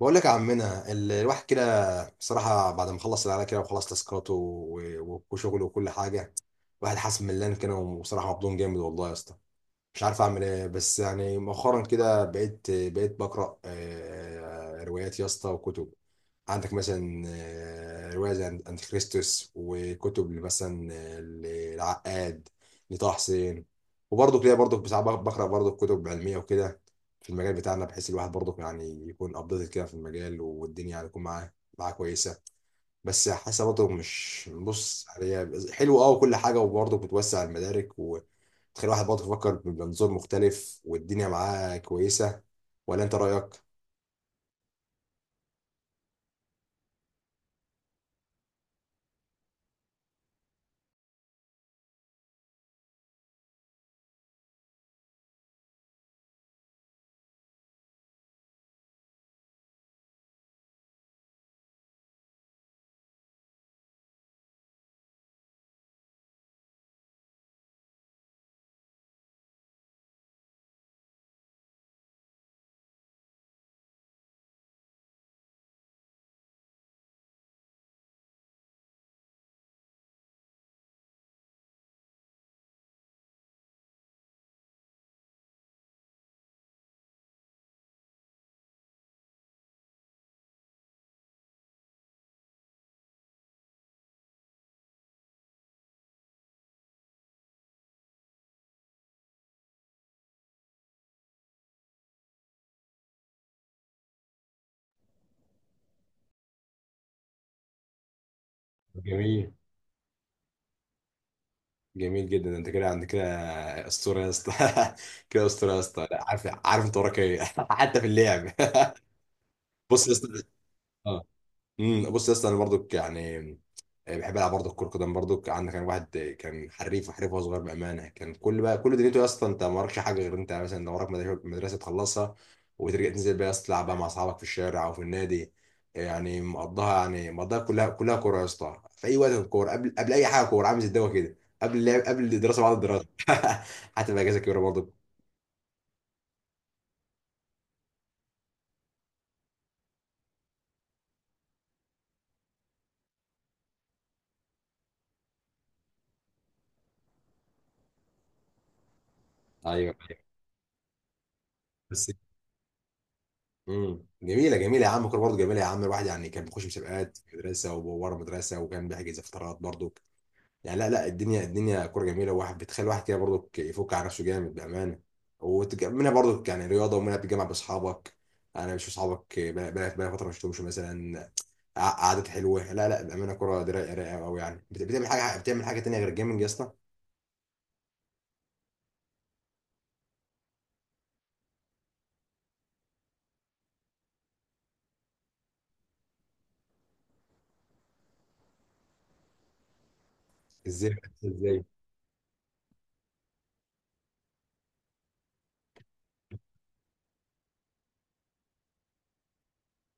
بقول لك يا عمنا، الواحد كده بصراحة، بعد ما خلص العيال كده وخلص تاسكاته وشغله وكل حاجة، الواحد حاسس ملان كده، وبصراحة مبدون جامد والله يا اسطى. مش عارف اعمل ايه، بس يعني مؤخرا كده بقيت بقرا، روايات يا اسطى وكتب. عندك مثلا روايه زي انتيخريستوس، وكتب مثلا للعقاد، لطه حسين. وبرضه كده برضه ساعات بقرا برضه كتب علميه وكده في المجال بتاعنا، بحيث الواحد برضه يعني يكون ابديتد كده في المجال، والدنيا يعني تكون معاه كويسه. بس حاسه برضه، مش، بص، هي حلو اه وكل حاجه، وبرضه بتوسع المدارك وتخلي الواحد برضه يفكر بمنظور مختلف، والدنيا معاه كويسه، ولا انت رايك؟ جميل، جميل جدا، انت كده عندك كده اسطوره يا اسطى. كده اسطوره يا اسطى. لا، عارف عارف انت وراك ايه حتى في اللعب. بص يا اسطى. اه. بص يا اسطى، انا برضو يعني بحب العب برضه كرة قدم. برضه عندك كان واحد كان حريف وحريف وهو صغير، بامانه كان كل دنيته يا اسطى. انت ما وراكش حاجه غير انت، مثلا لو وراك مدرسة تخلصها وترجع تنزل بقى يا اسطى تلعب بقى مع اصحابك في الشارع او في النادي. يعني مقضاها، يعني مقضاها كلها كلها كوره يا اسطى في اي وقت. الكوره قبل اي حاجه، كوره، عامل زي الدواء كده، قبل اللعب، قبل الدراسه، بعد الدراسه. حتى بقى اجازه كبيره برضه. ايوه، ايوه. بس جميله، جميله يا عم، الكوره برضه جميله يا عم. الواحد يعني كان بيخش مسابقات في المدرسه وورا المدرسه، وكان بيحجز فترات برضه يعني. لا، لا، الدنيا، الدنيا كوره جميله، وواحد بتخلي واحد كده برضو يفك على نفسه جامد بامانه. منها برضو يعني رياضه، ومنها بتجمع باصحابك. انا، مش اصحابك بقى بقى فتره ما شفتهمش مثلا. قعدات حلوه. لا، لا، بامانه، كوره دي رايقه، رايقه قوي يعني. بتعمل حاجه، بتعمل حاجه تانيه غير الجيمنج يا اسطى. ازاي؟ ازاي؟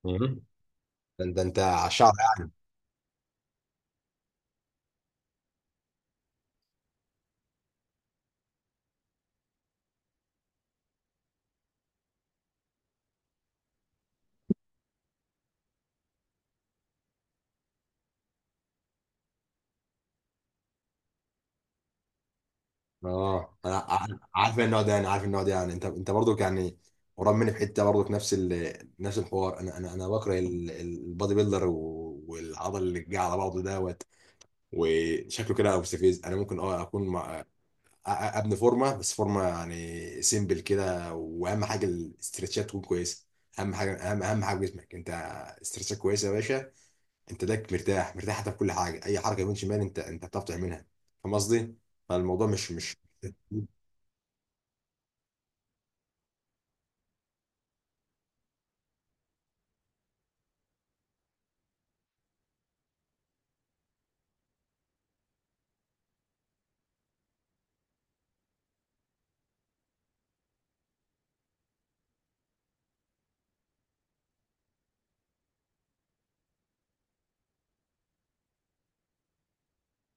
مم. ده انت، ده انت عشان... اه، انا عارف النوع ده، انا عارف النوع ده. يعني انت برضك يعني قريب مني في حته. برضك نفس نفس الحوار. انا، انا بكره البادي بيلدر، والعضل اللي جه على بعضه دوت، وشكله كده مستفز. انا ممكن اكون مع... ابني فورمه، بس فورمه يعني سيمبل كده، واهم حاجه الاسترتشات تكون كويسه. اهم حاجه، اهم حاجه في جسمك انت، استرتشات كويسه يا باشا. انت ده مرتاح، مرتاح حتى في كل حاجه، اي حركه يمين شمال انت بتعرف تعملها. فاهم قصدي؟ فالموضوع مش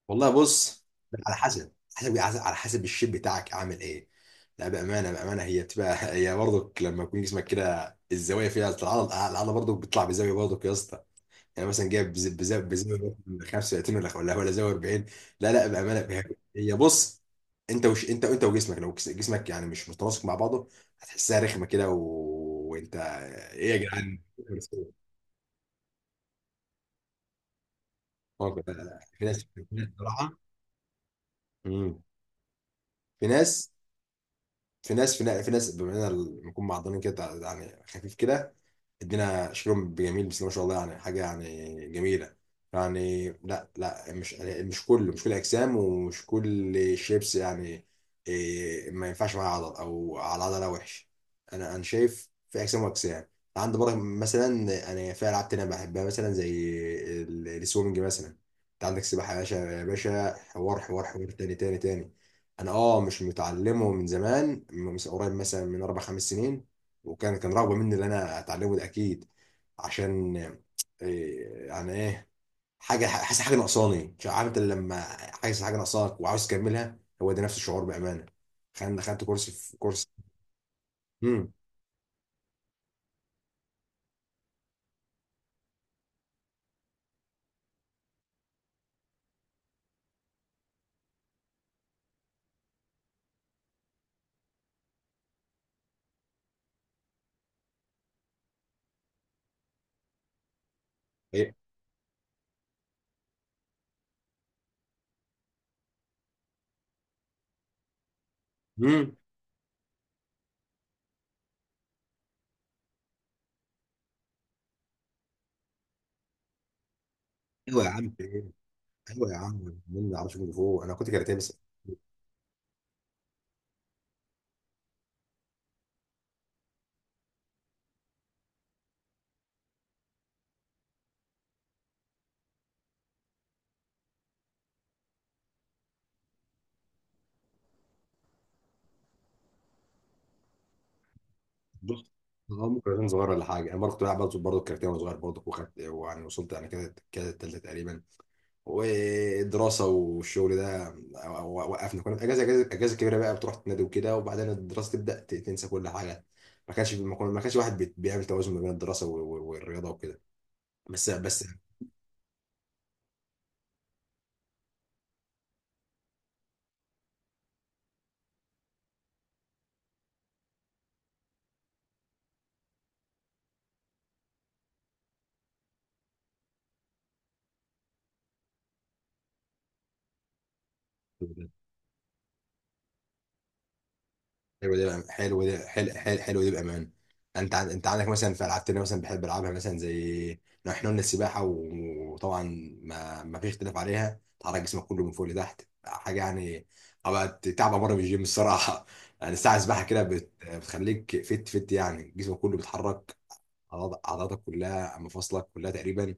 والله بص، على حسب على حسب الشيب بتاعك اعمل ايه. لا، بامانه، بامانه هي بتبقى هي برضك لما يكون جسمك كده، الزوايا فيها العضله، برضك بتطلع بزاويه برضك يا اسطى. يعني مثلا جايب بزاويه 35، ولا زاويه 40. لا، لا، بامانه، هي، هي بص، انت وش انت وجسمك، لو جسمك يعني مش متناسق مع بعضه هتحسها رخمه كده، وانت، ايه يا جدعان. لا، لا، لا، في ناس، في ناس بصراحه. مم. في ناس، في ناس بما اننا بنكون معضلين كده، يعني خفيف كده، ادينا شكلهم بجميل، بس ما شاء الله يعني حاجه يعني جميله. يعني لا، لا، مش، كله مش كل اجسام، ومش كل شيبس يعني إيه، ما ينفعش معاه عضل او على عضله وحش. انا شايف في اجسام واجسام. عندي برضه مثلا، انا في العاب تانية بحبها مثلا زي السويمنج مثلا. انت عندك سباحه يا باشا، يا باشا، حوار، حوار، حوار تاني، تاني، تاني. انا مش متعلمه من زمان، من قريب مثلا من اربع خمس سنين، وكان رغبه مني ان انا اتعلمه ده اكيد، عشان إيه، يعني ايه. حاجه، حاسس حاجه ناقصاني. مش عارف، انت لما حاسس حاجه ناقصاك وعاوز تكملها هو ده نفس الشعور بامانه. خدت كورس، في كورس. امم. ايه. امم. ايوه يا عم، إيه؟ ايوه يا عم، مين ما يعرفش كونغ فو، انا كنت كاراتيه بس. بص، اه، ممكن كان صغير ولا حاجه، انا برضه كنت بلعب برضه كاراتيه وانا صغير برضه، وخدت ويعني وصلت يعني كده، كده التالتة تقريبا، ودراسه والشغل ده، وقفنا، كنا في اجازه، اجازه كبيره بقى، بتروح تنادي وكده، وبعدين الدراسه تبدا تنسى كل حاجه. ما كانش واحد بيعمل توازن ما بين الدراسه والرياضه وكده. بس حلو ده، حلو ده، حلو ده بامان. انت انت عندك مثلا في العاب تانية مثلا بحب العبها مثلا زي، لو احنا قلنا السباحه، وطبعا ما فيش اختلاف عليها، تحرك جسمك كله من فوق لتحت، حاجه يعني، ابقى تعب مره في الجيم الصراحه. يعني ساعه سباحه كده بتخليك فت فت، يعني جسمك كله بيتحرك، اعضاءك كلها، مفاصلك كلها تقريبا.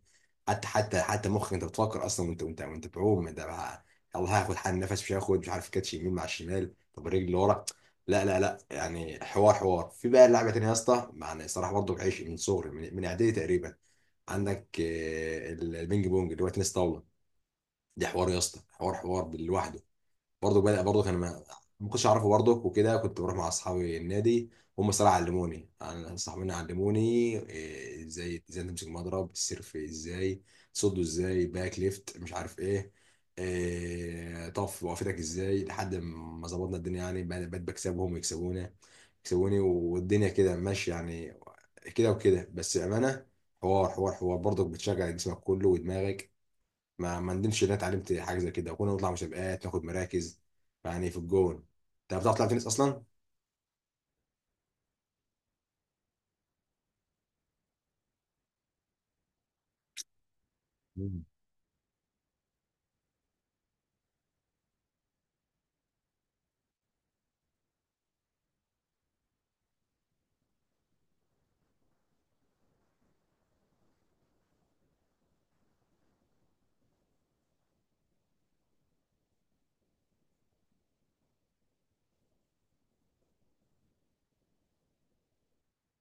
حتى، حتى مخك انت بتفكر اصلا وانت، وانت بعوم انت بقى، يلا هاخد حال نفس، مش هاخد، مش عارف كاتش يمين مع الشمال، طب الرجل اللي ورا. لا، لا، لا، يعني حوار، حوار في بقى لعبه تانيه يا اسطى، يعني الصراحه برضه بعيش من صغري، من اعدادي تقريبا. عندك البينج بونج اللي هو تنس طاوله، دي حوار يا اسطى، حوار، حوار لوحده. برضه بدأ برضه كان ما، ما كنتش اعرفه برضه وكده، كنت بروح مع اصحابي النادي، هم الصراحه علموني يعني، صاحبين علموني ازاي، ازاي تمسك مضرب، السيرف ازاي تصده، ازاي باك ليفت، مش عارف ايه، طف وقفتك ازاي، لحد ما ظبطنا الدنيا يعني. بقيت بكسبهم ويكسبونا، يكسبوني، والدنيا كده ماشيه يعني، كده وكده بس امانه، حوار، حوار، حوار برضك بتشجع جسمك كله ودماغك. ما ندمش ان انا اتعلمت حاجه زي كده، وكنا نطلع مسابقات ناخد مراكز يعني في الجون. انت بتعرف تلعب تنس اصلا؟ مم.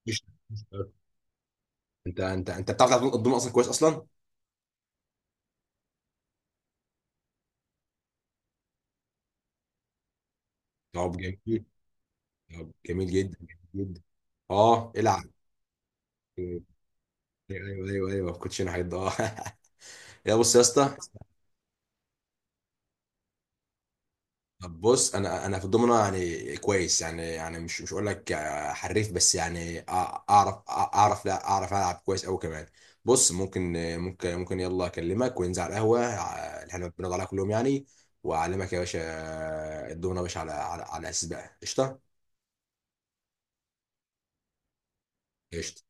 مش مش عارف. انت، انت بتعرف تلعب الدومنه اصلا كويس اصلا؟ طب جميل. طب جميل جدا، جميل جدا. اه العب. ايوه، ايوه، ايوه، ما كنتش انا حد، اه. يا بص يا اسطى. طب بص، انا في الضمنه يعني كويس، يعني مش اقول لك حريف، بس يعني اعرف، اعرف، لا اعرف العب كويس قوي كمان. بص، ممكن، ممكن يلا اكلمك وننزل على القهوه اللي احنا بنقعد عليها كل يوم يعني، واعلمك يا باشا الضمنه يا باشا، على، على اساس بقى، قشطه. قشطه.